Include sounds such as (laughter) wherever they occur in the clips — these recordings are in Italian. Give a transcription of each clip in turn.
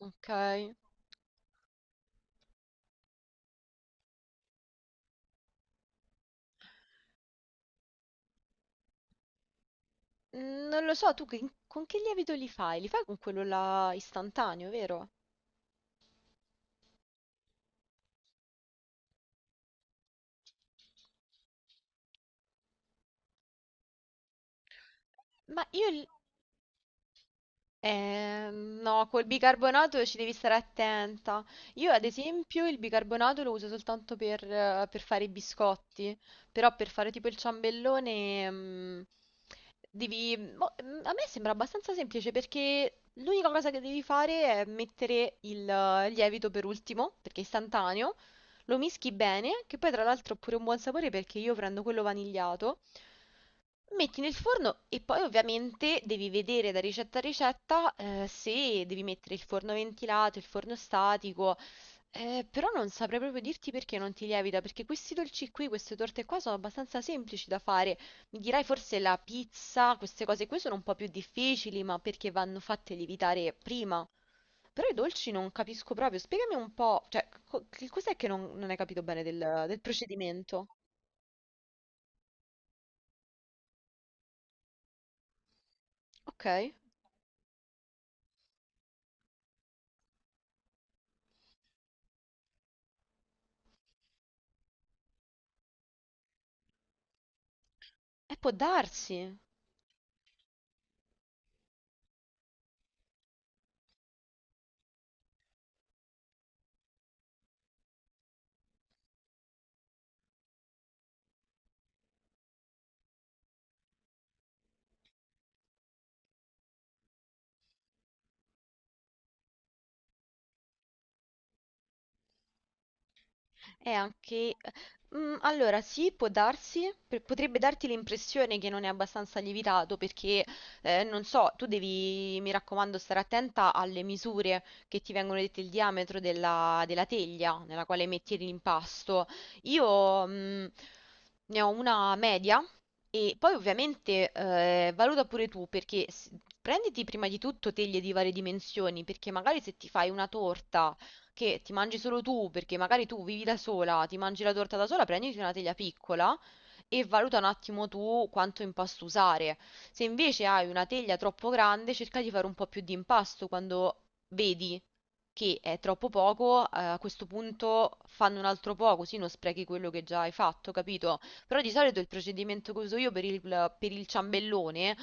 Ok. Non lo so, con che lievito li fai? Li fai con quello là istantaneo, vero? Ma io, no, col bicarbonato ci devi stare attenta. Io, ad esempio, il bicarbonato lo uso soltanto per fare i biscotti, però per fare tipo il ciambellone, mm, a me sembra abbastanza semplice perché l'unica cosa che devi fare è mettere il lievito per ultimo, perché è istantaneo, lo mischi bene, che poi tra l'altro ha pure un buon sapore perché io prendo quello vanigliato. Metti nel forno e poi ovviamente devi vedere da ricetta a ricetta, se devi mettere il forno ventilato, il forno statico, però non saprei proprio dirti perché non ti lievita, perché questi dolci qui, queste torte qua sono abbastanza semplici da fare. Mi dirai forse la pizza, queste cose qui sono un po' più difficili, ma perché vanno fatte lievitare prima. Però i dolci non capisco proprio, spiegami un po', cioè, che cos'è che non hai capito bene del procedimento? Ok, può darsi. E anche... allora, sì, può darsi, potrebbe darti l'impressione che non è abbastanza lievitato perché, non so, tu devi, mi raccomando, stare attenta alle misure che ti vengono dette, il diametro della, della teglia nella quale metti l'impasto. Io, ne ho una media e poi ovviamente, valuta pure tu perché prenditi prima di tutto teglie di varie dimensioni perché magari se ti fai una torta che ti mangi solo tu, perché magari tu vivi da sola, ti mangi la torta da sola, prenditi una teglia piccola e valuta un attimo tu quanto impasto usare. Se invece hai una teglia troppo grande, cerca di fare un po' più di impasto quando vedi che è troppo poco, a questo punto fanno un altro po', così non sprechi quello che già hai fatto, capito? Però di solito il procedimento che uso io per il ciambellone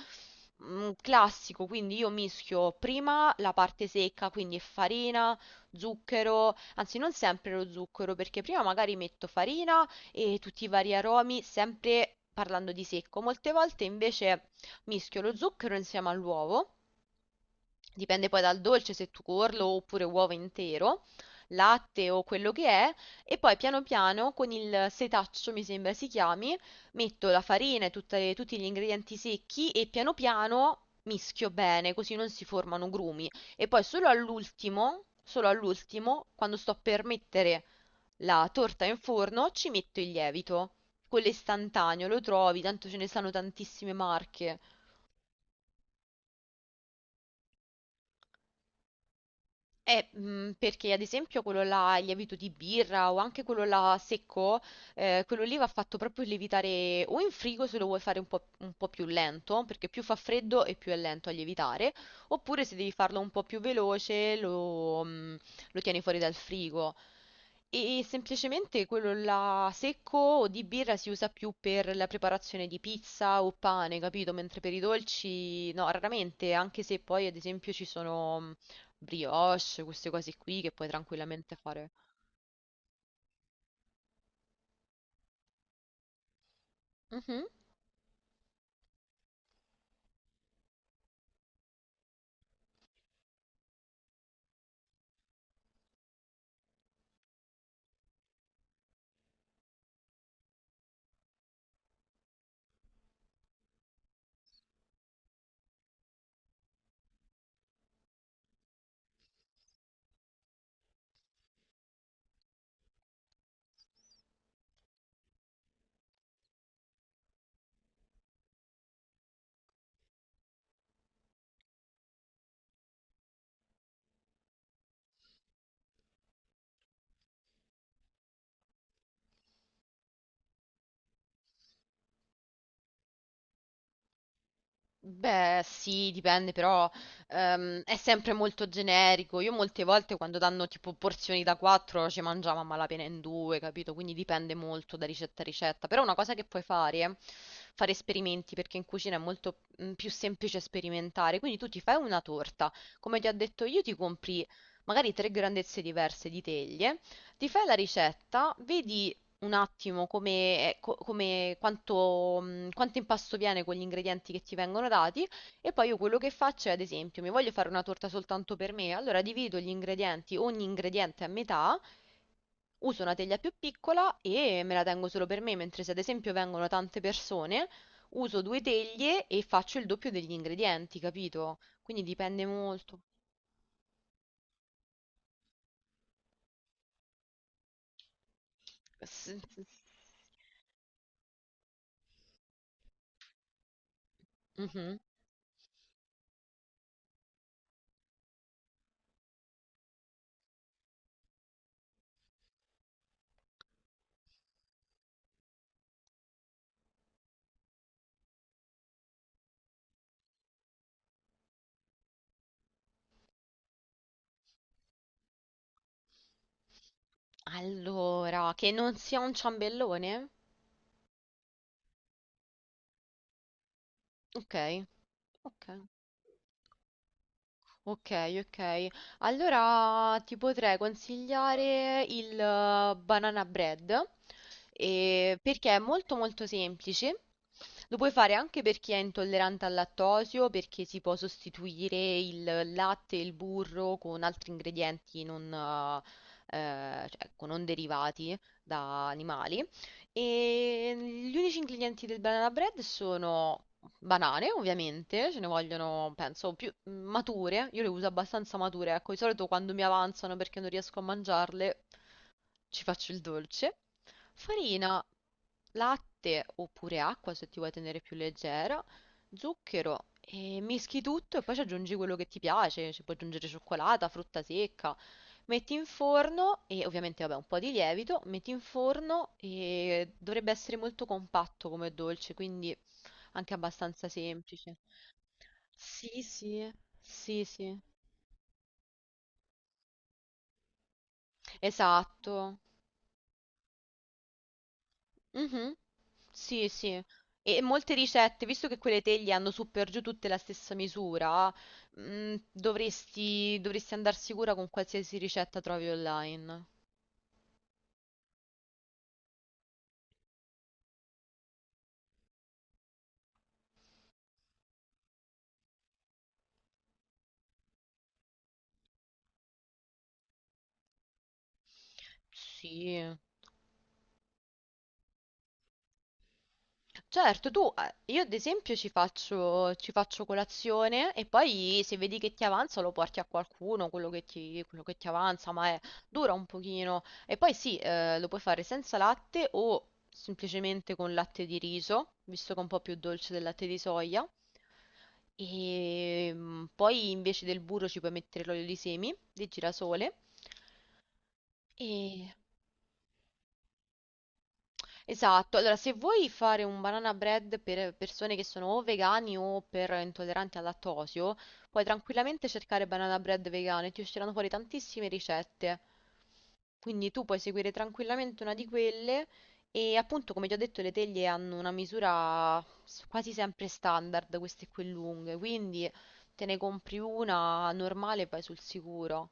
classico, quindi io mischio prima la parte secca, quindi farina, zucchero, anzi non sempre lo zucchero, perché prima magari metto farina e tutti i vari aromi, sempre parlando di secco. Molte volte invece mischio lo zucchero insieme all'uovo. Dipende poi dal dolce, se tu tuorlo oppure uovo intero, latte o quello che è, e poi piano piano con il setaccio, mi sembra si chiami, metto la farina e tutti gli ingredienti secchi e piano piano mischio bene, così non si formano grumi. E poi solo all'ultimo, quando sto per mettere la torta in forno, ci metto il lievito. Quello istantaneo, lo trovi, tanto ce ne stanno tantissime marche. Perché ad esempio quello là, il lievito di birra o anche quello là secco, quello lì va fatto proprio lievitare o in frigo se lo vuoi fare un po' più lento, perché più fa freddo e più è lento a lievitare, oppure se devi farlo un po' più veloce lo tieni fuori dal frigo. E semplicemente quello là secco o di birra si usa più per la preparazione di pizza o pane, capito? Mentre per i dolci, no, raramente, anche se poi ad esempio ci sono brioche, queste cose qui che puoi tranquillamente fare. Mhm. Beh, sì, dipende, però è sempre molto generico. Io molte volte quando danno tipo porzioni da 4 ci mangiamo a malapena in due, capito? Quindi dipende molto da ricetta a ricetta. Però una cosa che puoi fare è fare esperimenti, perché in cucina è molto più semplice sperimentare. Quindi tu ti fai una torta, come ti ho detto io, ti compri magari tre grandezze diverse di teglie. Ti fai la ricetta, vedi un attimo come, co- come- quanto, quanto impasto viene con gli ingredienti che ti vengono dati e poi io quello che faccio è, ad esempio, mi voglio fare una torta soltanto per me, allora divido gli ingredienti, ogni ingrediente a metà, uso una teglia più piccola e me la tengo solo per me, mentre se ad esempio vengono tante persone, uso due teglie e faccio il doppio degli ingredienti, capito? Quindi dipende molto. S- s- Mhm. Allora, che non sia un ciambellone? Ok. Ok. Ok, ok. Allora ti potrei consigliare il banana bread, perché è molto molto semplice. Lo puoi fare anche per chi è intollerante al lattosio, perché si può sostituire il latte e il burro con altri ingredienti non, cioè, ecco, non derivati da animali. E gli unici ingredienti del banana bread sono banane, ovviamente, ce ne vogliono, penso, più mature. Io le uso abbastanza mature, ecco, di solito quando mi avanzano perché non riesco a mangiarle, ci faccio il dolce. Farina, latte oppure acqua se ti vuoi tenere più leggera, zucchero e mischi tutto e poi ci aggiungi quello che ti piace, ci puoi aggiungere cioccolata, frutta secca. Metti in forno e ovviamente vabbè un po' di lievito, metti in forno e dovrebbe essere molto compatto come dolce, quindi anche abbastanza semplice. Sì, sì, sì, sì, esatto. Mhm. Sì, sì. E molte ricette, visto che quelle teglie hanno su per giù tutte la stessa misura, dovresti andare sicura con qualsiasi ricetta trovi online. Sì. Certo, tu, io ad esempio ci faccio colazione e poi se vedi che ti avanza lo porti a qualcuno, quello che ti avanza, dura un pochino. E poi sì, lo puoi fare senza latte o semplicemente con latte di riso, visto che è un po' più dolce del latte di soia. E poi invece del burro ci puoi mettere l'olio di semi di girasole. Esatto, allora se vuoi fare un banana bread per persone che sono o vegani o per intolleranti al lattosio, puoi tranquillamente cercare banana bread vegano e ti usciranno fuori tantissime ricette. Quindi tu puoi seguire tranquillamente una di quelle e appunto come ti ho detto le teglie hanno una misura quasi sempre standard, queste qui lunghe, quindi te ne compri una normale e vai sul sicuro.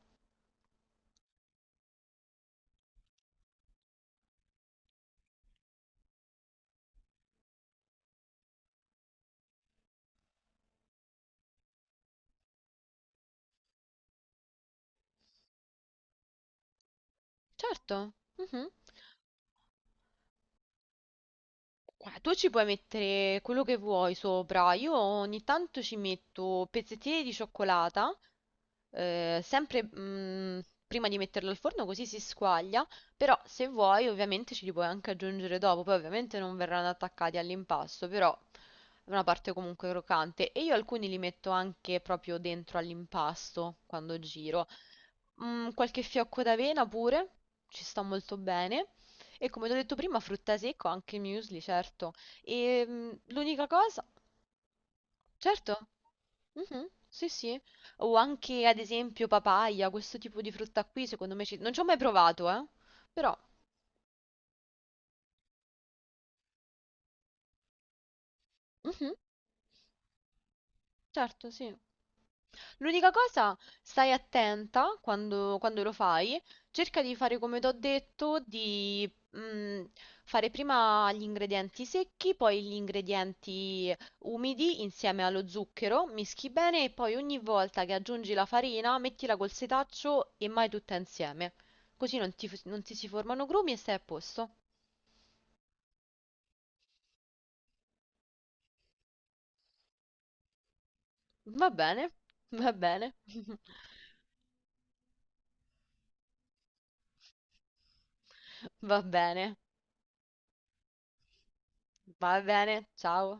Certo. Mhm. Guarda, tu ci puoi mettere quello che vuoi sopra. Io ogni tanto ci metto pezzettini di cioccolata, eh, sempre mm, prima di metterlo al forno così si squaglia, però se vuoi ovviamente ce li puoi anche aggiungere dopo, poi ovviamente non verranno attaccati all'impasto, però è una parte comunque croccante e io alcuni li metto anche proprio dentro all'impasto quando giro. Qualche fiocco d'avena pure, ci sta molto bene. E come ti ho detto prima, frutta secca, anche muesli, certo. E l'unica cosa... Certo. Mh-mh. Sì, sì. O anche ad esempio papaya, questo tipo di frutta qui secondo me ci non ci ho mai provato, però mh-mh, certo, sì. L'unica cosa, stai attenta quando, quando lo fai, cerca di fare come ti ho detto, di mm, fare prima gli ingredienti secchi, poi gli ingredienti umidi insieme allo zucchero, mischi bene e poi ogni volta che aggiungi la farina mettila col setaccio e mai tutta insieme. Così non ti si formano grumi e stai a posto. Va bene, va bene, (laughs) va bene, va bene, ciao.